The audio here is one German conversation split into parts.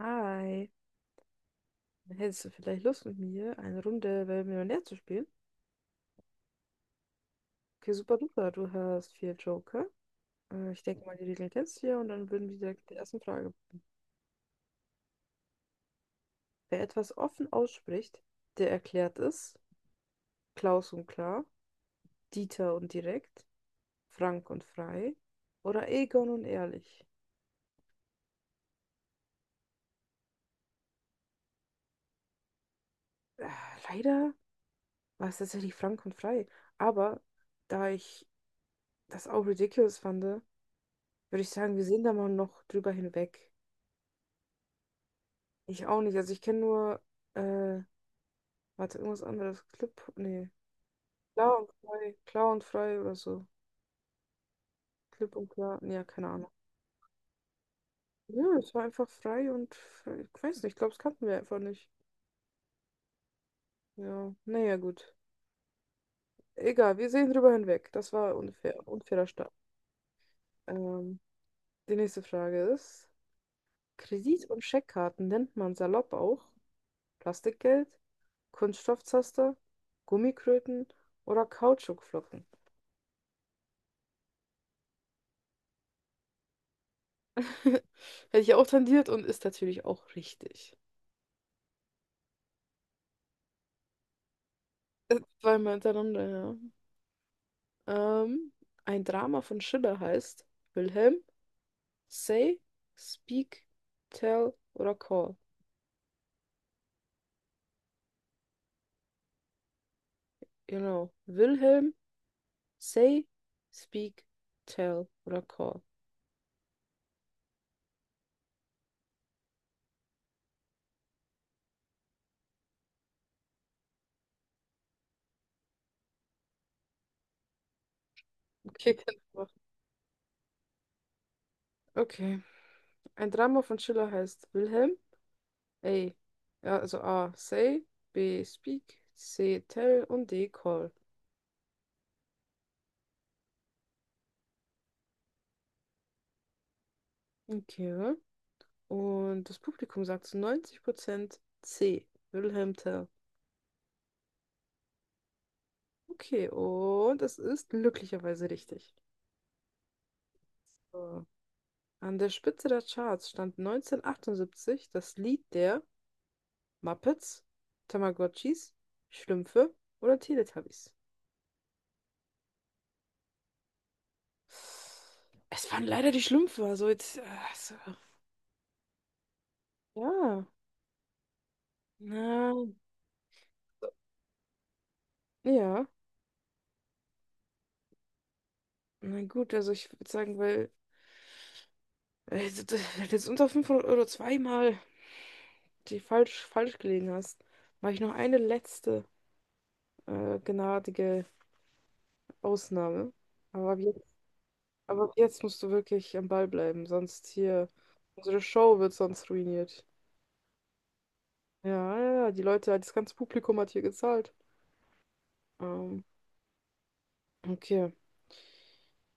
Hi, hättest du vielleicht Lust mit mir, eine Runde Wer wird Millionär zu spielen? Okay, super duper, du hast vier Joker. Ich denke mal, die Regeln kennst du ja und dann würden wir direkt mit der ersten Frage. Wer etwas offen ausspricht, der erklärt es. Klaus und klar, Dieter und direkt, Frank und frei oder Egon und ehrlich. Äh, Leider war es tatsächlich Frank und frei, aber da ich das auch ridiculous fand, würde ich sagen, wir sehen da mal noch drüber hinweg. Ich auch nicht. Also ich kenne nur, äh, warte, irgendwas anderes. Clip, nee. Klar und frei. Klar und frei oder so. Clip und klar. Nee, ja, keine Ahnung. Ja, es war einfach frei und frei. Ich weiß nicht, ich glaube, es kannten wir einfach nicht. Ja, naja, gut. Egal, wir sehen drüber hinweg. Das war unfair, unfairer Start. Ähm, Die nächste Frage ist: Kredit- und Scheckkarten nennt man salopp auch Plastikgeld, Kunststoffzaster, Gummikröten oder Kautschukflocken? Hätte ich auch tendiert und ist natürlich auch richtig. Zweimal hintereinander, ja. Ein Drama von Schiller heißt Wilhelm, Say, Speak, Tell oder Call. Genau. Wilhelm, Say, Speak, Tell oder Call. Okay, kann ich machen. Okay. Ein Drama von Schiller heißt Wilhelm, A. Ja, also A, Say, B, Speak, C, Tell und D, Call. Okay, oder? Und das Publikum sagt zu 90% C. Wilhelm Tell. Okay, und es ist glücklicherweise richtig. So. An der Spitze der Charts stand 1978 das Lied der Muppets, Tamagotchis, Schlümpfe oder Teletubbies. Es waren leider die Schlümpfe, also jetzt. Also, ja, na, ja, na gut, also ich würde sagen, weil jetzt unter 500 Euro zweimal die falsch gelegen hast, mache ich noch eine letzte gnadige Ausnahme. Aber ab jetzt, aber ab jetzt, musst du wirklich am Ball bleiben, sonst hier, unsere Show wird sonst ruiniert. Ja, ja, ja, die Leute, das ganze Publikum hat hier gezahlt. Ähm, okay.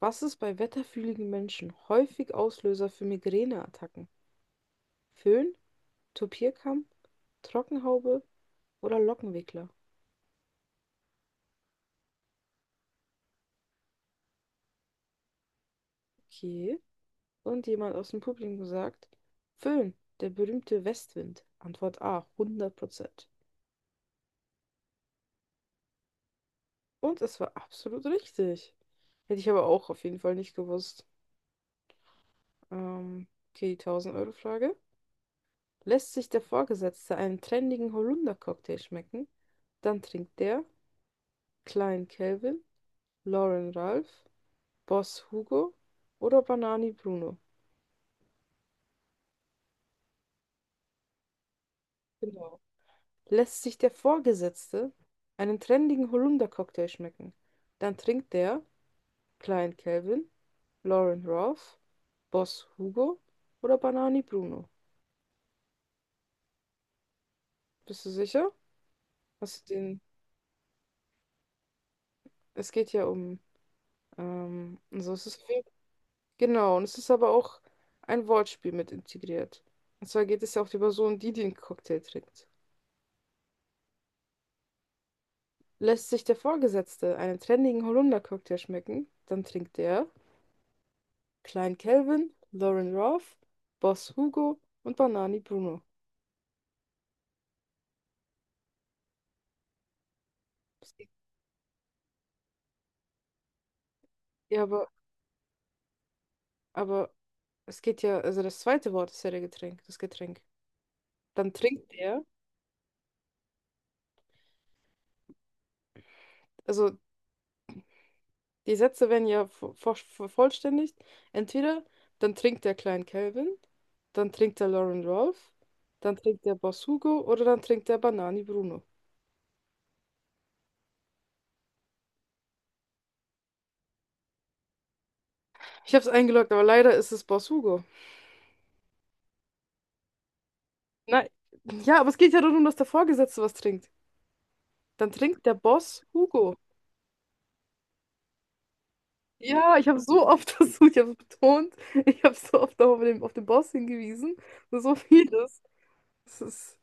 Was ist bei wetterfühligen Menschen häufig Auslöser für Migräneattacken? Föhn, Topierkamm, Trockenhaube oder Lockenwickler? Okay. Und jemand aus dem Publikum sagt, Föhn, der berühmte Westwind. Antwort A, 100%. Und es war absolut richtig. Hätte ich aber auch auf jeden Fall nicht gewusst. Ähm, okay, die 1000-Euro-Frage. Lässt sich der Vorgesetzte einen trendigen Holunder-Cocktail schmecken, dann trinkt der Klein Calvin, Lauren Ralph, Boss Hugo oder Banani Bruno. Genau. Lässt sich der Vorgesetzte einen trendigen Holunder-Cocktail schmecken, dann trinkt der Klein Calvin, Lauren Ralph, Boss Hugo oder Banani Bruno? Bist du sicher? Hast du den? Es geht ja um. Also es ist viel, genau, und es ist aber auch ein Wortspiel mit integriert. Und zwar geht es ja auch die Person, die den Cocktail trinkt. Lässt sich der Vorgesetzte einen trendigen Holunder-Cocktail schmecken, dann trinkt er Klein Calvin, Lauren Ralph, Boss Hugo und Banani Bruno. Ja, aber es geht ja, also das zweite Wort ist ja der Getränk, das Getränk. Dann trinkt er, also die Sätze werden ja vervollständigt. Entweder dann trinkt der Klein Calvin, dann trinkt der Lauren Rolf, dann trinkt der Boss Hugo oder dann trinkt der Banani Bruno. Ich habe es eingeloggt, aber leider ist es Boss Hugo. Nein, ja, aber es geht ja darum, dass der Vorgesetzte was trinkt. Dann trinkt der Boss Hugo. Ja, ich habe so oft versucht, ich habe es betont, ich habe so oft auf den Boss hingewiesen. So vieles. Das ist.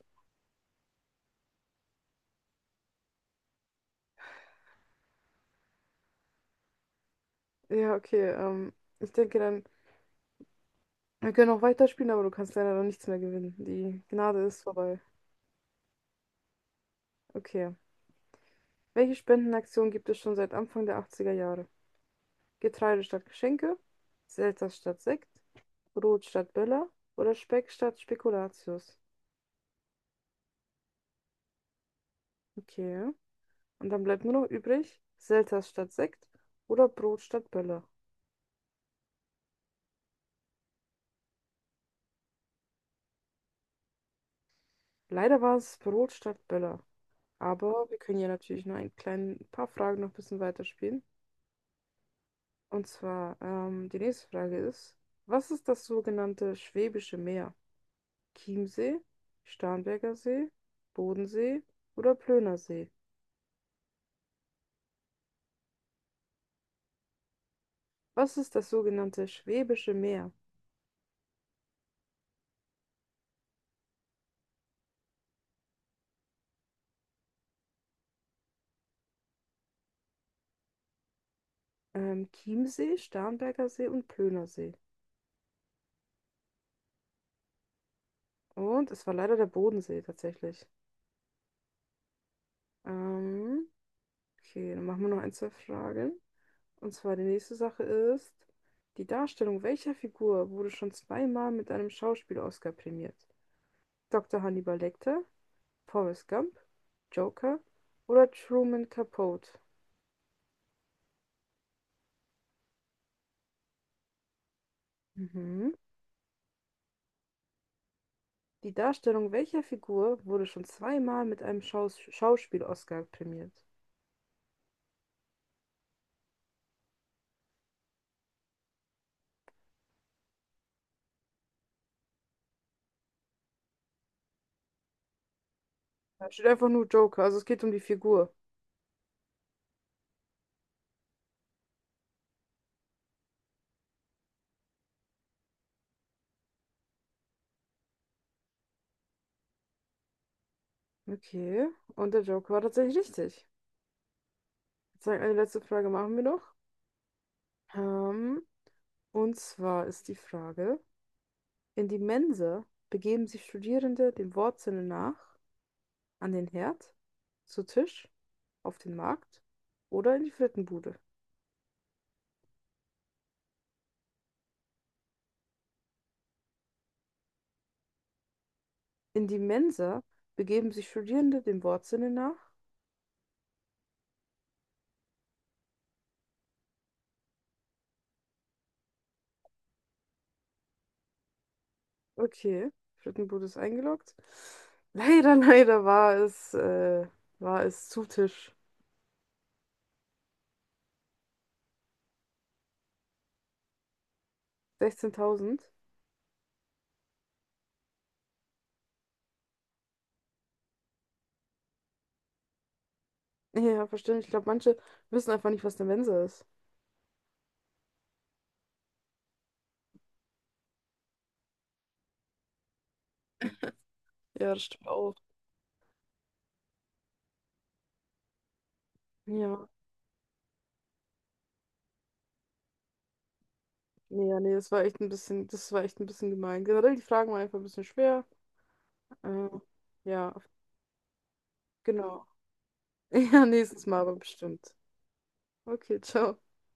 Ja, okay. Ich denke dann, wir können auch weiterspielen, aber du kannst leider noch nichts mehr gewinnen. Die Gnade ist vorbei. Okay. Welche Spendenaktion gibt es schon seit Anfang der achtziger Jahre? Getreide statt Geschenke, Selter statt Sekt, Brot statt Böller oder Speck statt Spekulatius? Okay. Und dann bleibt nur noch übrig, Selters statt Sekt oder Brot statt Böller. Leider war es Brot statt Böller. Aber wir können ja natürlich noch ein klein, paar Fragen noch ein bisschen weiterspielen. Und zwar, die nächste Frage ist, was ist das sogenannte Schwäbische Meer? Chiemsee, Starnberger See, Bodensee oder Plöner See? Was ist das sogenannte Schwäbische Meer? Chiemsee, Starnberger See und Plöner See. Und es war leider der Bodensee tatsächlich. Ähm, okay, dann machen wir noch ein, zwei Fragen. Und zwar die nächste Sache ist, die Darstellung welcher Figur wurde schon zweimal mit einem Schauspiel-Oscar prämiert? Dr. Hannibal Lecter, Forrest Gump, Joker oder Truman Capote? Mhm. Die Darstellung welcher Figur wurde schon zweimal mit einem Schauspiel-Oscar prämiert? Da steht einfach nur Joker, also es geht um die Figur. Okay, und der Joker war tatsächlich richtig. Ich würde sagen, eine letzte Frage machen wir noch. Ähm, und zwar ist die Frage: In die Mensa begeben sich Studierende dem Wortsinne nach an den Herd, zu Tisch, auf den Markt oder in die Frittenbude? In die Mensa begeben sich Studierende dem Wortsinne nach. Okay, Frittenbude ist eingeloggt. Leider, war es zu Tisch. 16.000. Ja, verständlich. Ich glaube, manche wissen einfach nicht, was eine Mensa ist. Ja, das stimmt auch. Ja, ja, nee, das war echt ein bisschen, das war echt ein bisschen gemein. Generell, die Fragen waren einfach ein bisschen schwer. Äh, ja, genau. Ja, nächstes Mal aber bestimmt. Okay, ciao.